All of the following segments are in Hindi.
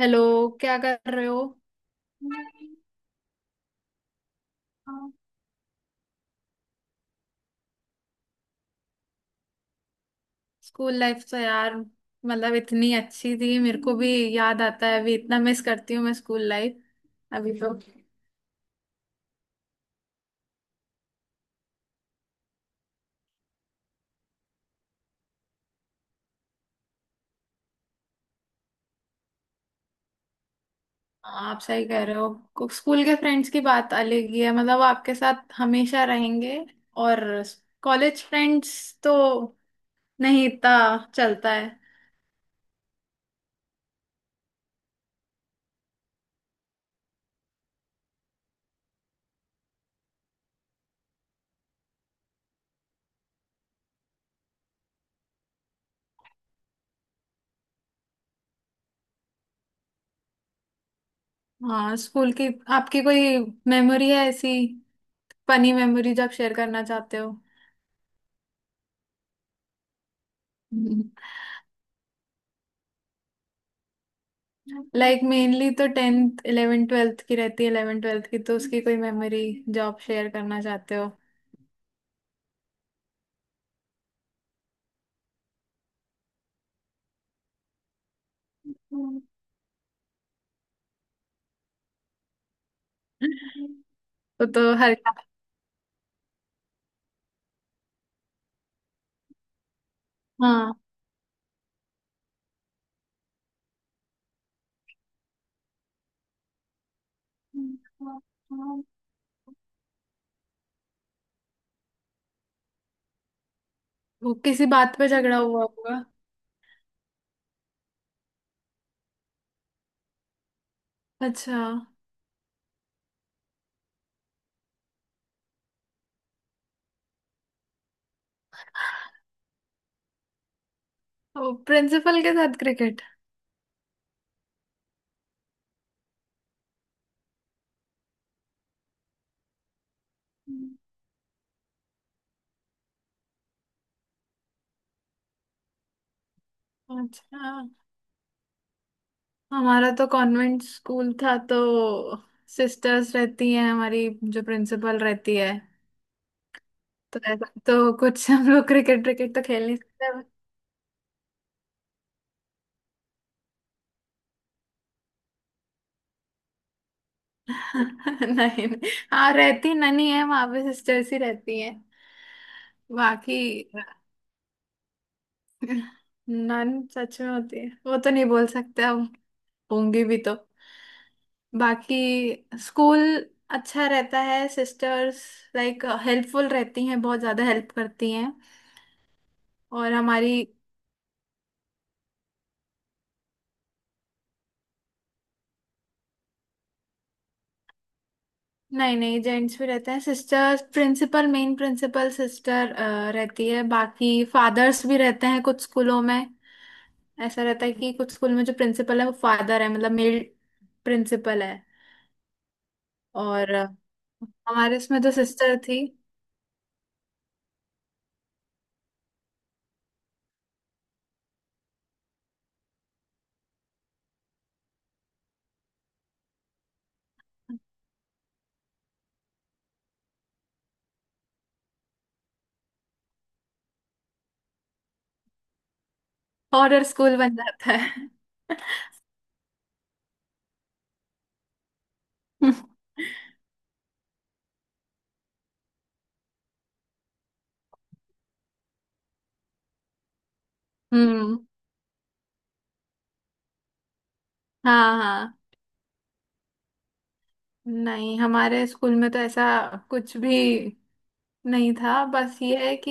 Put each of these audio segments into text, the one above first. हेलो, क्या कर रहे हो। स्कूल लाइफ तो यार मतलब इतनी अच्छी थी, मेरे को भी याद आता है। अभी इतना मिस करती हूँ मैं स्कूल लाइफ अभी तो। हाँ, आप सही कह रहे हो, स्कूल के फ्रेंड्स की बात अलग ही है, मतलब आपके साथ हमेशा रहेंगे। और कॉलेज फ्रेंड्स तो नहीं इतना चलता है। हाँ, स्कूल की आपकी कोई मेमोरी है ऐसी, फनी मेमोरी जो आप शेयर करना चाहते हो। लाइक मेनली तो टेंथ इलेवेंथ ट्वेल्थ की रहती है, इलेवेंथ ट्वेल्थ की तो उसकी कोई मेमोरी जो आप शेयर करना चाहते हो। तो हर। हाँ, वो किसी बात पे झगड़ा हुआ होगा। अच्छा, वो प्रिंसिपल के साथ क्रिकेट। अच्छा, हमारा तो कॉन्वेंट स्कूल था, तो सिस्टर्स रहती हैं हमारी, जो प्रिंसिपल रहती है। तो ऐसा तो कुछ हम लोग क्रिकेट क्रिकेट तो खेल नहीं सकते। नहीं। नहीं। हाँ, रहती ननी है वहां पे, सिस्टर्स ही रहती हैं बाकी। नन सच में होती है वो तो नहीं बोल सकते अब, होंगी भी तो। बाकी स्कूल अच्छा रहता है, सिस्टर्स लाइक हेल्पफुल रहती हैं, बहुत ज़्यादा हेल्प करती हैं। और हमारी। नहीं नहीं, जेंट्स भी रहते हैं। Sisters principal, main principal sister रहती है, बाकी फादर्स भी रहते हैं कुछ स्कूलों में। ऐसा रहता है कि कुछ स्कूल में जो प्रिंसिपल है वो फादर है, मतलब मेल प्रिंसिपल है। और हमारे इसमें जो सिस्टर थी। हॉरर स्कूल बन जाता है। हम्म। हाँ, हाँ। नहीं, हमारे स्कूल में तो ऐसा कुछ भी नहीं था, बस ये है कि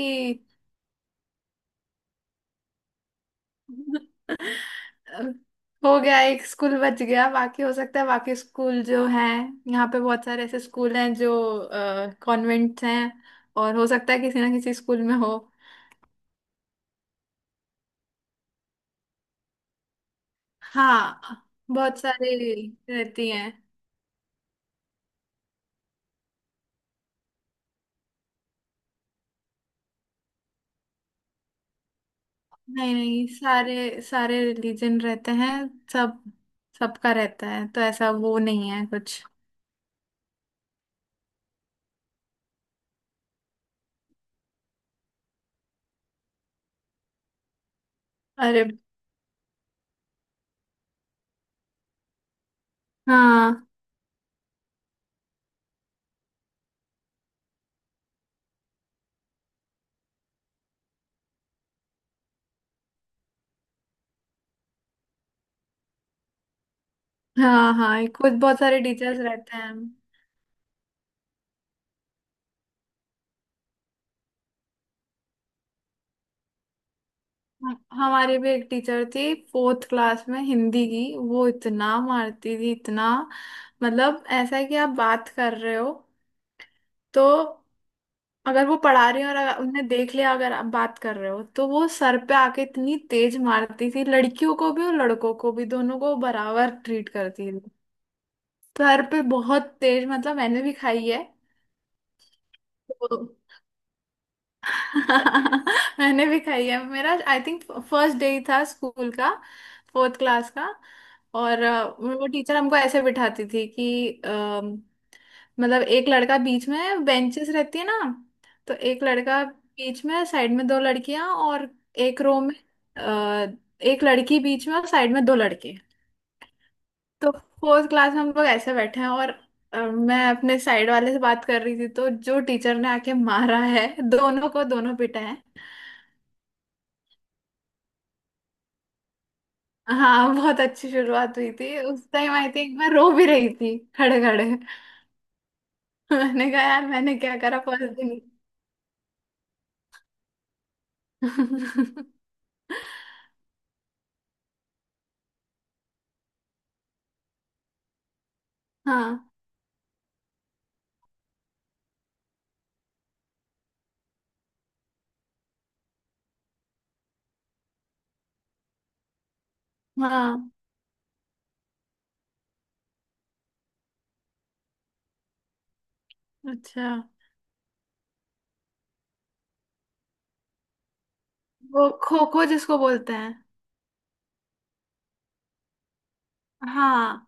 हो गया, एक स्कूल बच गया। बाकी हो सकता है बाकी स्कूल जो है, यहाँ पे बहुत सारे ऐसे स्कूल हैं जो कॉन्वेंट्स हैं, और हो सकता है किसी ना किसी स्कूल में हो। हाँ, बहुत सारे रहती हैं। नहीं नहीं, सारे सारे रिलीजन रहते हैं। सब सबका रहता है, तो ऐसा वो नहीं है कुछ। अरे। हाँ, हाँ। हाँ, कुछ बहुत सारे टीचर्स रहते हैं। हमारी भी एक टीचर थी फोर्थ क्लास में, हिंदी की। वो इतना मारती थी, इतना मतलब ऐसा है कि आप बात कर रहे हो, तो अगर वो पढ़ा रही हो और अगर उनने देख लिया, अगर आप बात कर रहे हो, तो वो सर पे आके इतनी तेज मारती थी। लड़कियों को भी और लड़कों को भी, दोनों को बराबर ट्रीट करती थी। सर पे बहुत तेज, मतलब मैंने भी खाई है तो। मैंने भी खाई है, मेरा आई थिंक फर्स्ट डे ही था स्कूल का, फोर्थ क्लास का। और वो टीचर हमको ऐसे बिठाती थी कि मतलब एक लड़का बीच में, बेंचेस रहती है ना, तो एक लड़का बीच में, साइड में दो लड़कियां, और एक रो में अ, एक लड़की बीच में और साइड में दो लड़के। तो फोर्थ क्लास में हम लोग ऐसे बैठे हैं, और मैं अपने साइड वाले से बात कर रही थी, तो जो टीचर ने आके मारा है, दोनों को, दोनों पिटा है। हाँ, बहुत अच्छी शुरुआत हुई थी उस टाइम। आई थिंक मैं रो भी रही थी खड़े खड़े। मैंने कहा यार, मैंने क्या करा फर्स्ट दिन। हाँ, हाँ। अच्छा, वो खो खो जिसको बोलते हैं। हाँ,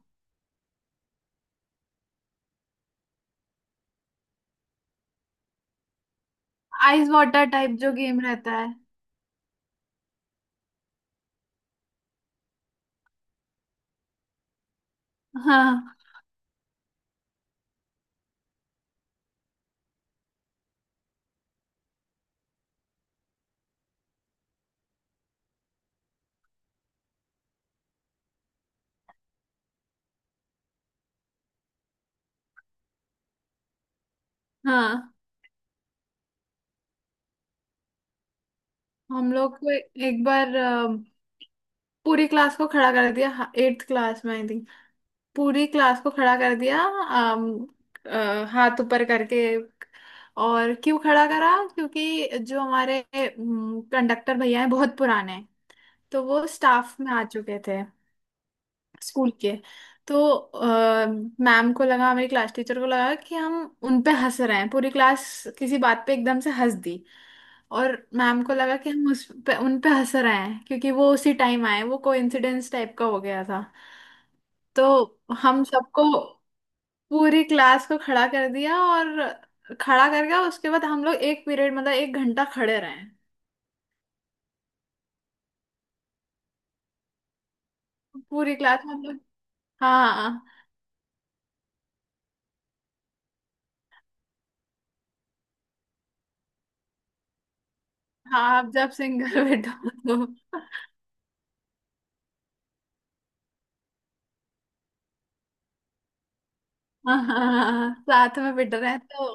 आइस वाटर टाइप जो गेम रहता है। हाँ, हाँ। हम लोग को एक बार पूरी क्लास को खड़ा कर दिया। एट्थ क्लास में आई, पूरी क्लास को खड़ा कर दिया। हाथ ऊपर करके। और क्यों खड़ा करा, क्योंकि जो हमारे कंडक्टर भैया हैं, बहुत पुराने हैं, तो वो स्टाफ में आ चुके थे स्कूल के। तो मैम को लगा, हमारी क्लास टीचर को लगा कि हम उन पे हंस रहे हैं, पूरी क्लास। किसी बात पे एकदम से हंस दी, और मैम को लगा कि हम उस पे, उन पे हंस रहे हैं, क्योंकि वो उसी टाइम आए, वो कोइंसिडेंस टाइप का हो गया था। तो हम सबको, पूरी क्लास को खड़ा कर दिया, और खड़ा कर गया। उसके बाद हम लोग एक पीरियड, मतलब एक घंटा खड़े रहे। पूरी क्लास में हम लोग, हाँ। हाँ, आप जब सिंगल बैठो तो। हाँ हाँ, हाँ, हाँ, साथ में बैठ रहे हैं तो।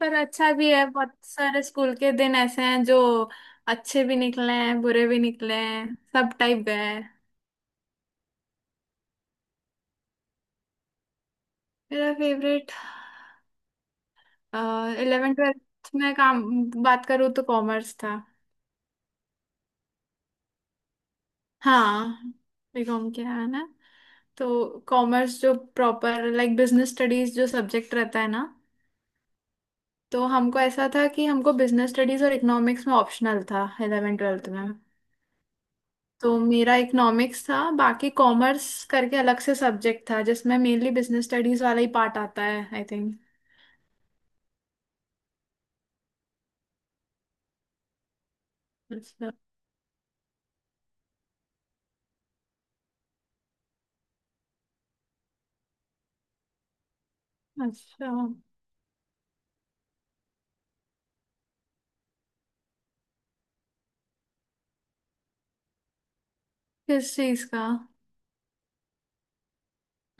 पर अच्छा भी है, बहुत सारे स्कूल के दिन ऐसे हैं जो अच्छे भी निकले हैं, बुरे भी निकले हैं, सब टाइप गए हैं। मेरा फेवरेट इलेवेंथ ट्वेल्थ में काम, बात करूँ तो कॉमर्स था। हाँ, बीकॉम किया है ना। तो कॉमर्स जो प्रॉपर लाइक बिजनेस स्टडीज जो सब्जेक्ट रहता है ना, तो हमको ऐसा था कि हमको बिजनेस स्टडीज और इकोनॉमिक्स में ऑप्शनल था 11 ट्वेल्थ में। तो मेरा इकोनॉमिक्स था, बाकी कॉमर्स करके अलग से सब्जेक्ट था, जिसमें मेनली बिजनेस स्टडीज वाला ही पार्ट आता है आई थिंक। अच्छा। अच्छा, किस चीज का।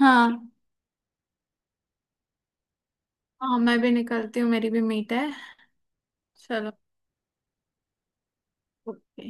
हाँ। हाँ, मैं भी निकलती हूँ, मेरी भी मीट है। चलो। ओके।